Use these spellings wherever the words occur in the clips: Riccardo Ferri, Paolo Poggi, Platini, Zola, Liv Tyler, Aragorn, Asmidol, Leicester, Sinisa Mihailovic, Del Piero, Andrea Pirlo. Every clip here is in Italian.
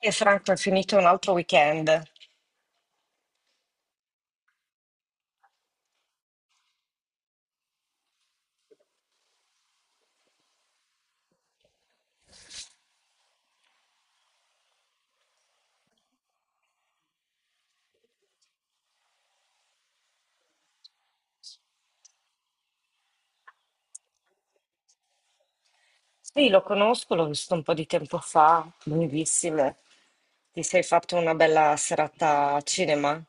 E Franco è finito un altro weekend. Sì, lo conosco, l'ho visto un po' di tempo fa, lunghissimo. Ti sei fatto una bella serata a cinema?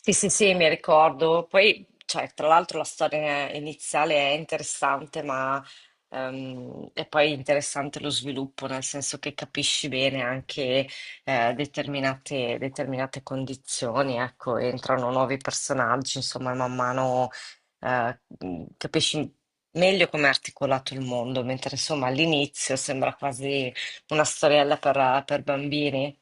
Sì, sì, sì, mi ricordo. Poi, cioè, tra l'altro la storia iniziale è interessante, ma è poi interessante lo sviluppo, nel senso che capisci bene anche determinate condizioni, ecco, entrano nuovi personaggi, insomma, e man mano capisci meglio come è articolato il mondo, mentre insomma all'inizio sembra quasi una storiella per bambini.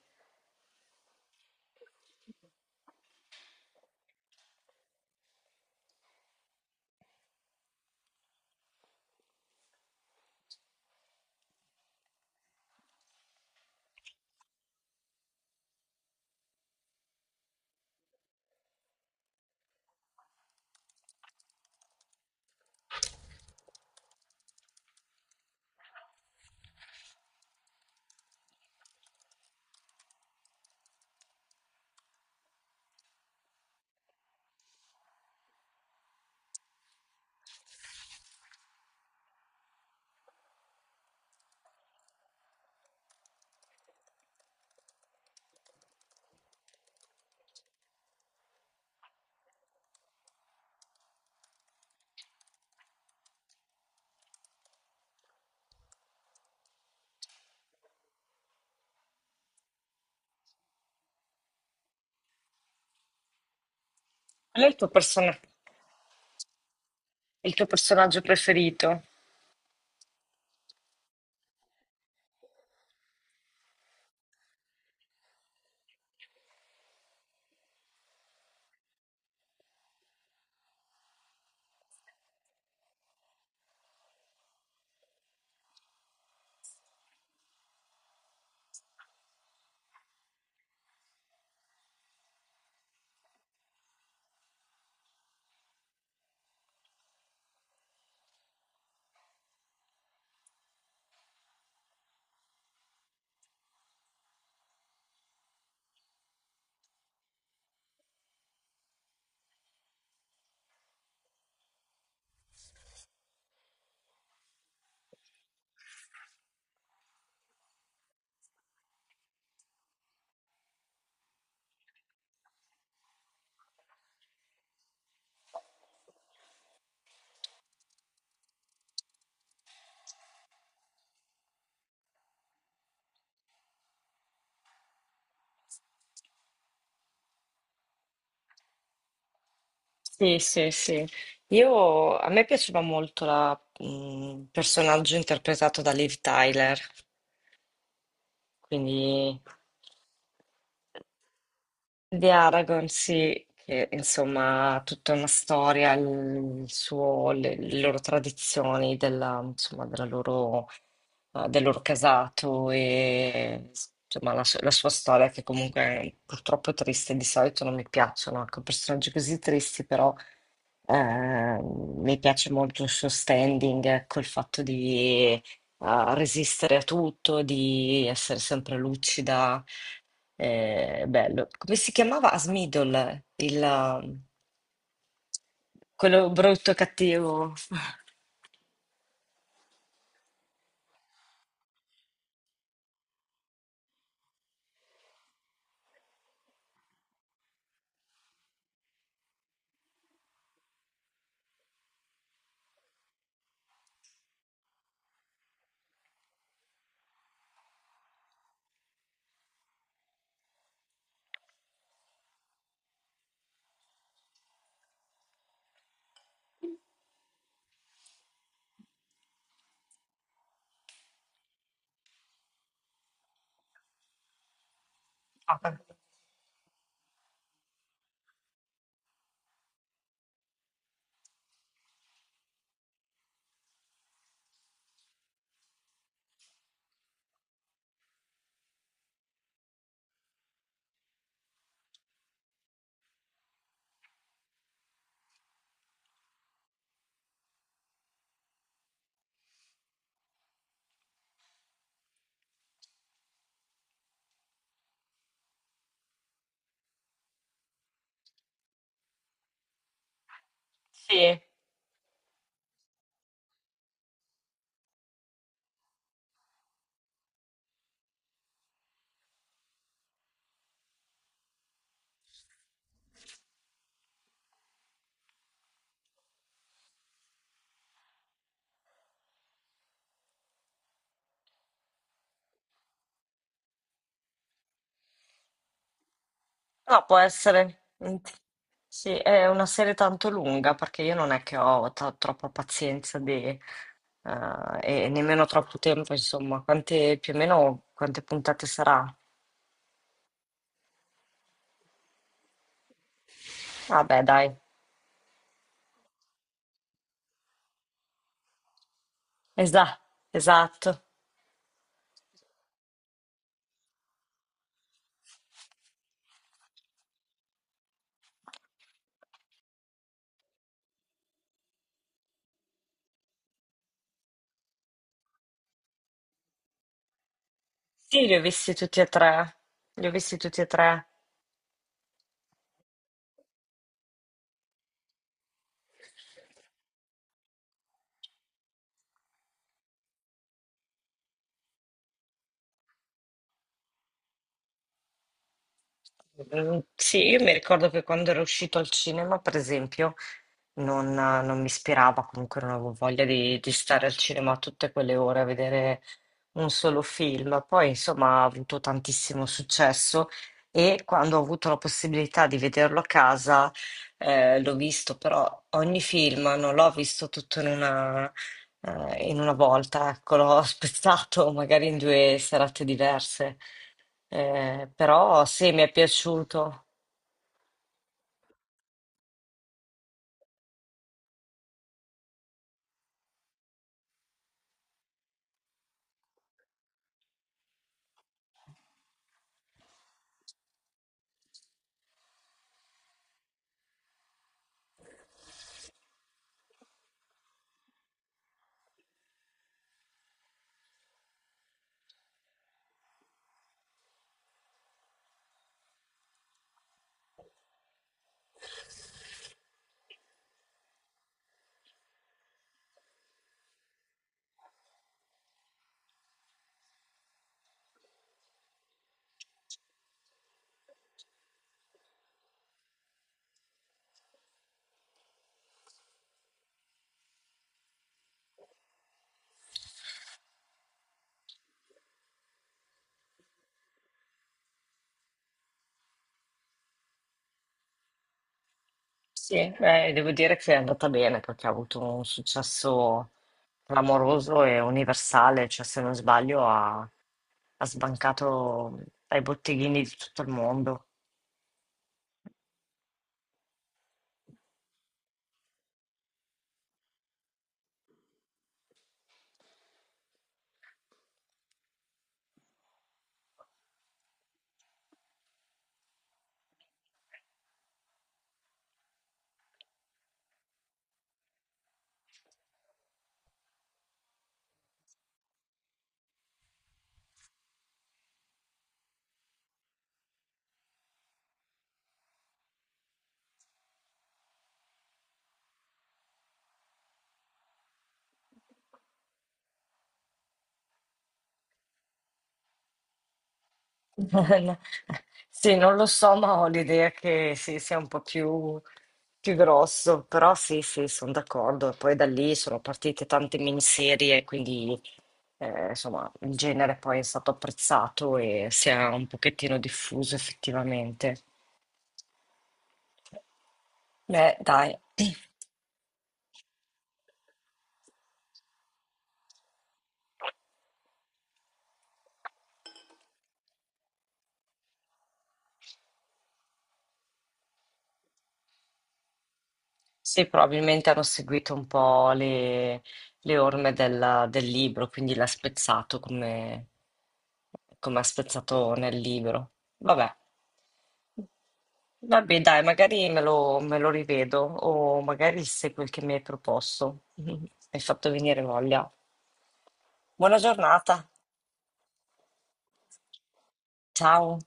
Qual è il tuo persona- il tuo personaggio preferito? Sì, sì, sì. A me piaceva molto il personaggio interpretato da Liv Tyler, quindi di Aragorn, sì, che insomma ha tutta una storia, le loro tradizioni, della, insomma, della loro, del loro casato e insomma, la sua storia che comunque è purtroppo triste, di solito non mi piacciono, ecco, personaggi così tristi, però. Mi piace molto il suo standing, ecco, il fatto di resistere a tutto, di essere sempre lucida. Bello. Come si chiamava? Asmidol, quello brutto e cattivo. Ah, sì, no, può essere. Sì, è una serie tanto lunga perché io non è che ho troppa pazienza e nemmeno troppo tempo, insomma. Più o meno quante puntate sarà? Vabbè, dai, Esa- esatto. Sì, li ho visti tutti e tre. Li ho visti tutti e tre. Mm, sì, io mi ricordo che quando ero uscito al cinema, per esempio, non mi ispirava, comunque non avevo voglia di stare al cinema tutte quelle ore a vedere un solo film. Poi, insomma, ha avuto tantissimo successo e quando ho avuto la possibilità di vederlo a casa, l'ho visto, però ogni film non l'ho visto tutto in una volta, ecco, l'ho spezzato magari in due serate diverse. Però sì, mi è piaciuto. Sì, beh, devo dire che è andata bene perché ha avuto un successo clamoroso e universale, cioè se non sbaglio ha sbancato ai botteghini di tutto il mondo. Sì, non lo so, ma ho l'idea che sì, sia più grosso, però sì, sì, sono d'accordo. E poi da lì sono partite tante miniserie, quindi insomma il genere poi è stato apprezzato e si è un pochettino diffuso effettivamente. Beh, dai, sì, probabilmente hanno seguito un po' le orme del libro, quindi l'ha spezzato come, come ha spezzato nel libro. Vabbè, dai, magari me lo rivedo o magari se quel che mi hai proposto. Mi hai fatto venire voglia. Buona giornata, ciao.